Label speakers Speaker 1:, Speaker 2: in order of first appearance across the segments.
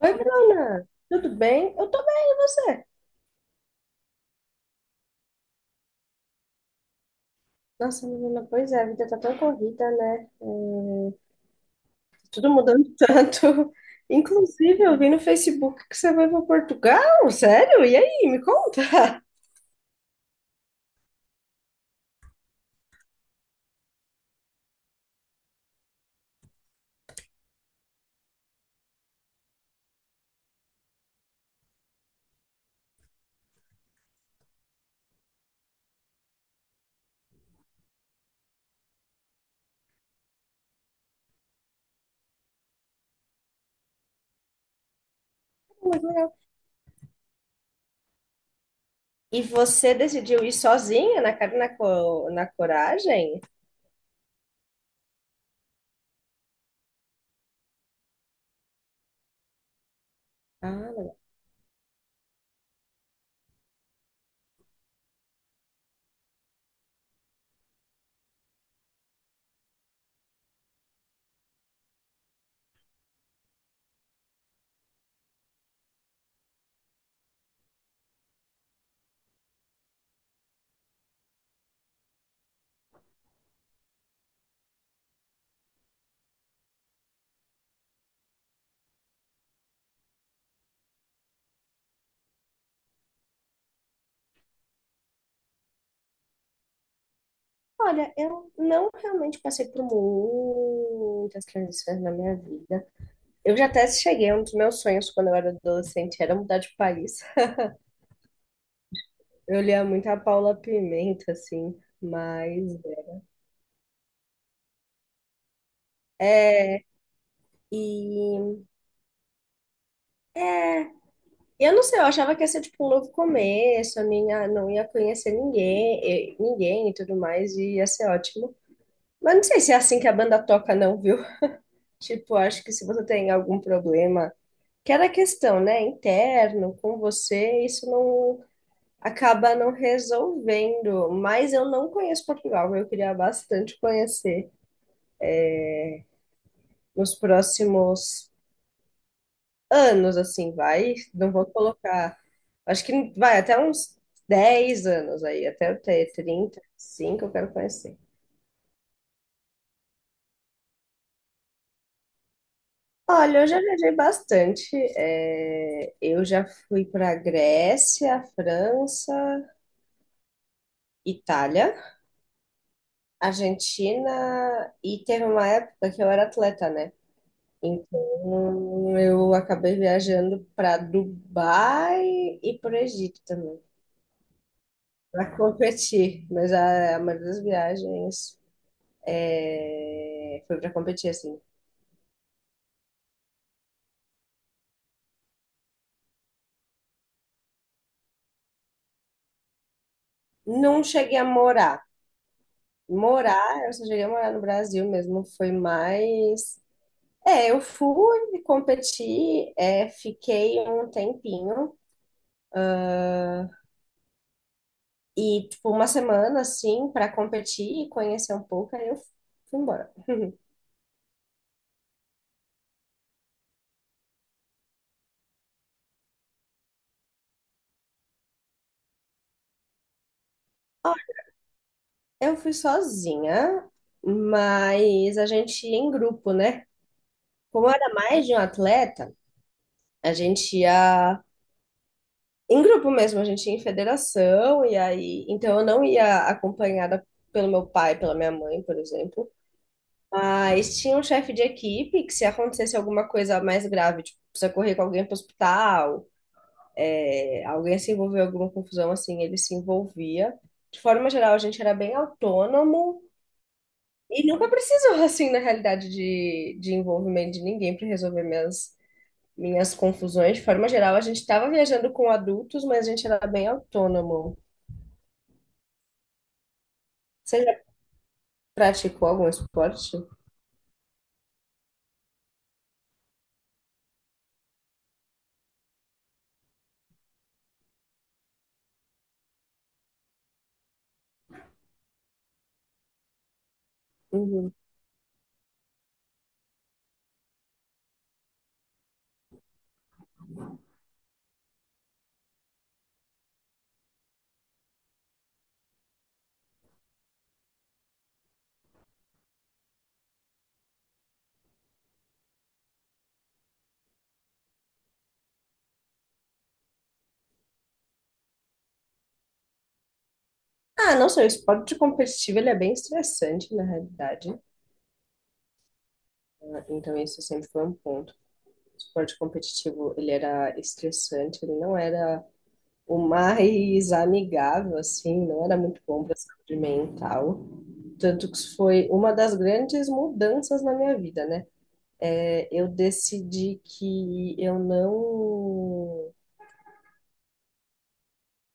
Speaker 1: Oi, Bruna, tudo bem? Eu tô bem, e você? Nossa, menina, pois é, a vida tá tão corrida, né? É, tudo mudando tanto. Inclusive, eu vi no Facebook que você vai para Portugal, sério? E aí, me conta? Muito legal. E você decidiu ir sozinha, na cara, e na, na coragem? Ah, legal. Olha, eu não realmente passei por muitas transições na minha vida. Eu já até cheguei, um dos meus sonhos quando eu era adolescente era mudar de país. Eu lia muito a Paula Pimenta, assim, mas. é é, E eu não sei, eu achava que ia ser tipo um novo começo, eu nem ia- não ia conhecer ninguém, ninguém e tudo mais, e ia ser ótimo. Mas não sei se é assim que a banda toca, não, viu? Tipo, acho que se você tem algum problema, que era questão, né, interno, com você, isso não acaba não resolvendo. Mas eu não conheço Portugal, eu queria bastante conhecer nos próximos anos, assim, vai. Não vou colocar. Acho que vai até uns 10 anos aí, até eu ter 35, eu quero conhecer. Olha, eu já viajei bastante. Eu já fui para Grécia, França, Itália, Argentina e teve uma época que eu era atleta, né? Então eu acabei viajando para Dubai e para o Egito também, para competir. Mas a maioria das viagens, é, foi para competir, assim. Não cheguei a morar. Morar, eu só cheguei a morar no Brasil mesmo, foi mais. É, eu fui competir, fiquei um tempinho e, tipo, uma semana assim para competir e conhecer um pouco, aí eu fui embora. Ó, eu fui sozinha, mas a gente ia em grupo, né? Como era mais de um atleta, a gente ia em grupo mesmo, a gente ia em federação, e aí. Então, eu não ia acompanhada pelo meu pai, pela minha mãe, por exemplo. Mas tinha um chefe de equipe que, se acontecesse alguma coisa mais grave, tipo, precisa correr com alguém para o hospital, é, alguém se envolveu em alguma confusão, assim, ele se envolvia. De forma geral, a gente era bem autônomo e nunca precisou, assim, na realidade, de envolvimento de ninguém para resolver minhas confusões. De forma geral, a gente estava viajando com adultos, mas a gente era bem autônomo. Você praticou algum esporte? Uhum. Ah, não sei, o esporte competitivo ele é bem estressante, na realidade. Ah, então, isso sempre foi um ponto. O esporte competitivo, ele era estressante, ele não era o mais amigável, assim, não era muito bom para a saúde mental. Tanto que isso foi uma das grandes mudanças na minha vida, né? É, eu decidi que eu não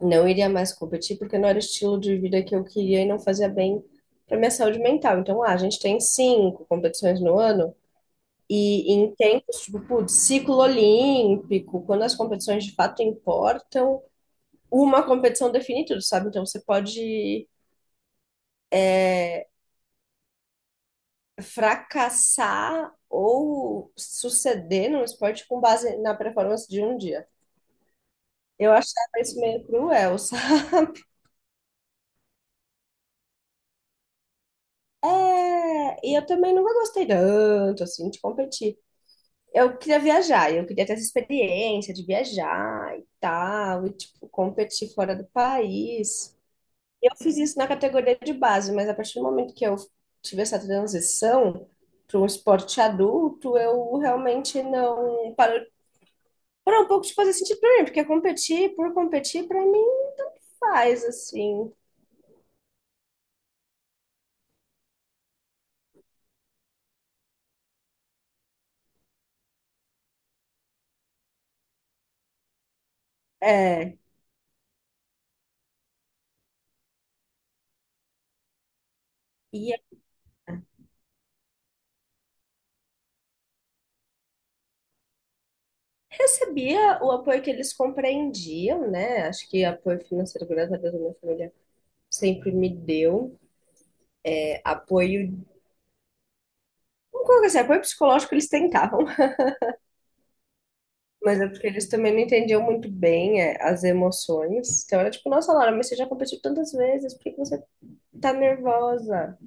Speaker 1: Não iria mais competir porque não era o estilo de vida que eu queria e não fazia bem para minha saúde mental. Então, ah, a gente tem cinco competições no ano e em tempos, tipo, putz, ciclo olímpico, quando as competições de fato importam, uma competição define tudo, sabe? Então, você pode, é, fracassar ou suceder no esporte com base na performance de um dia. Eu achava isso meio cruel, sabe? É, e eu também nunca gostei tanto, assim, de competir. Eu queria viajar, eu queria ter essa experiência de viajar e tal, e tipo, competir fora do país. Eu fiz isso na categoria de base, mas a partir do momento que eu tive essa transição para um esporte adulto, eu realmente não parou, parou um pouco de fazer sentido para mim, porque competir por competir para mim faz assim. É, e eu recebia o apoio que eles compreendiam, né? Acho que apoio financeiro, graças a Deus, a minha família sempre me deu, apoio, vamos colocar assim, apoio psicológico eles tentavam, mas é porque eles também não entendiam muito bem, as emoções. Então era tipo, nossa, Laura, mas você já competiu tantas vezes, por que que você tá nervosa?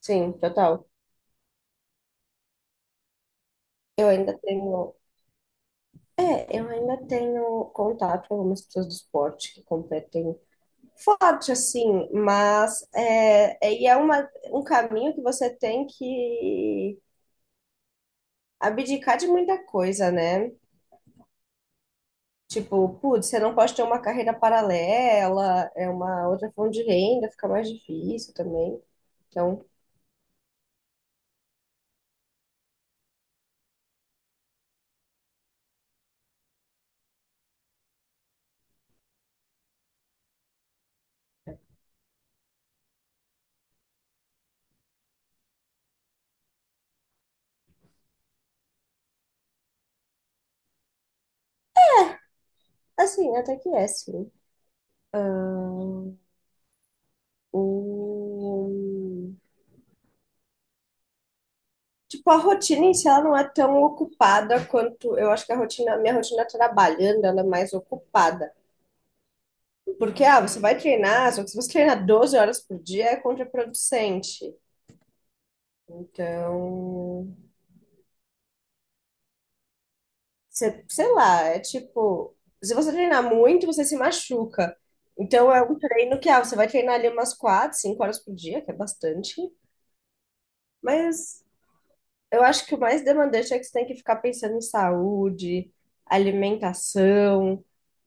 Speaker 1: Sim, total. Eu ainda tenho. É, eu ainda tenho contato com algumas pessoas do esporte que competem forte, assim, mas e é uma, um caminho que você tem que abdicar de muita coisa, né? Tipo, putz, você não pode ter uma carreira paralela, é uma outra fonte de renda, fica mais difícil também. Então, assim, até que é, sim. O... Tipo, a rotina em si, ela não é tão ocupada quanto... Eu acho que a rotina, a minha rotina tá trabalhando, ela é mais ocupada. Porque, ah, você vai treinar, só que se você treinar 12 horas por dia, é contraproducente. Então... sei lá, é tipo, se você treinar muito, você se machuca. Então é um treino que, ah, você vai treinar ali umas quatro, cinco horas por dia, que é bastante, mas eu acho que o mais demandante é que você tem que ficar pensando em saúde, alimentação,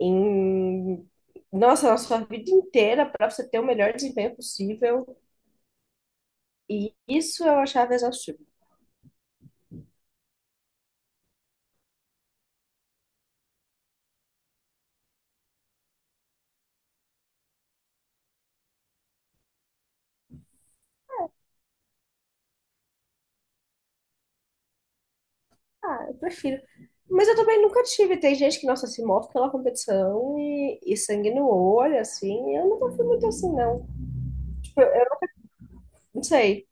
Speaker 1: em, nossa, na sua vida inteira para você ter o melhor desempenho possível. E isso eu achava exaustivo. Ah, eu prefiro. Mas eu também nunca tive. Tem gente que, nossa, se move pela competição e sangue no olho, assim. Eu nunca fui muito assim, não. Tipo, eu não sei.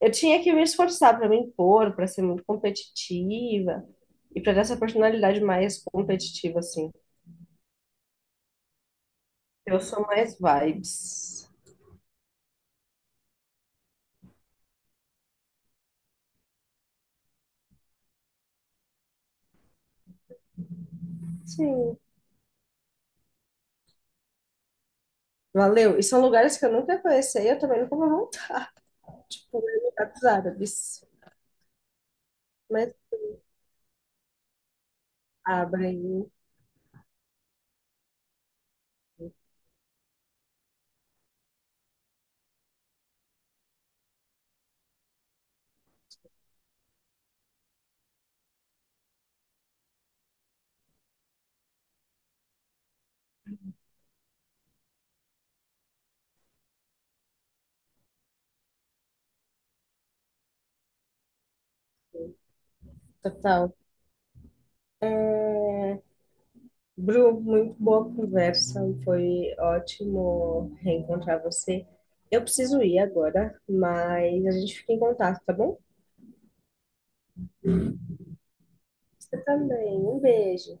Speaker 1: Eu tinha que me esforçar pra me impor, pra ser muito competitiva e pra ter essa personalidade mais competitiva, assim. Eu sou mais vibes. Sim. Valeu. E são lugares que eu nunca conheci e eu também nunca vou voltar. Tipo, Emirados Árabes. Mas abrem, total. Bru, muito boa conversa, foi ótimo reencontrar você. Eu preciso ir agora, mas a gente fica em contato, tá bom? Você também. Um beijo.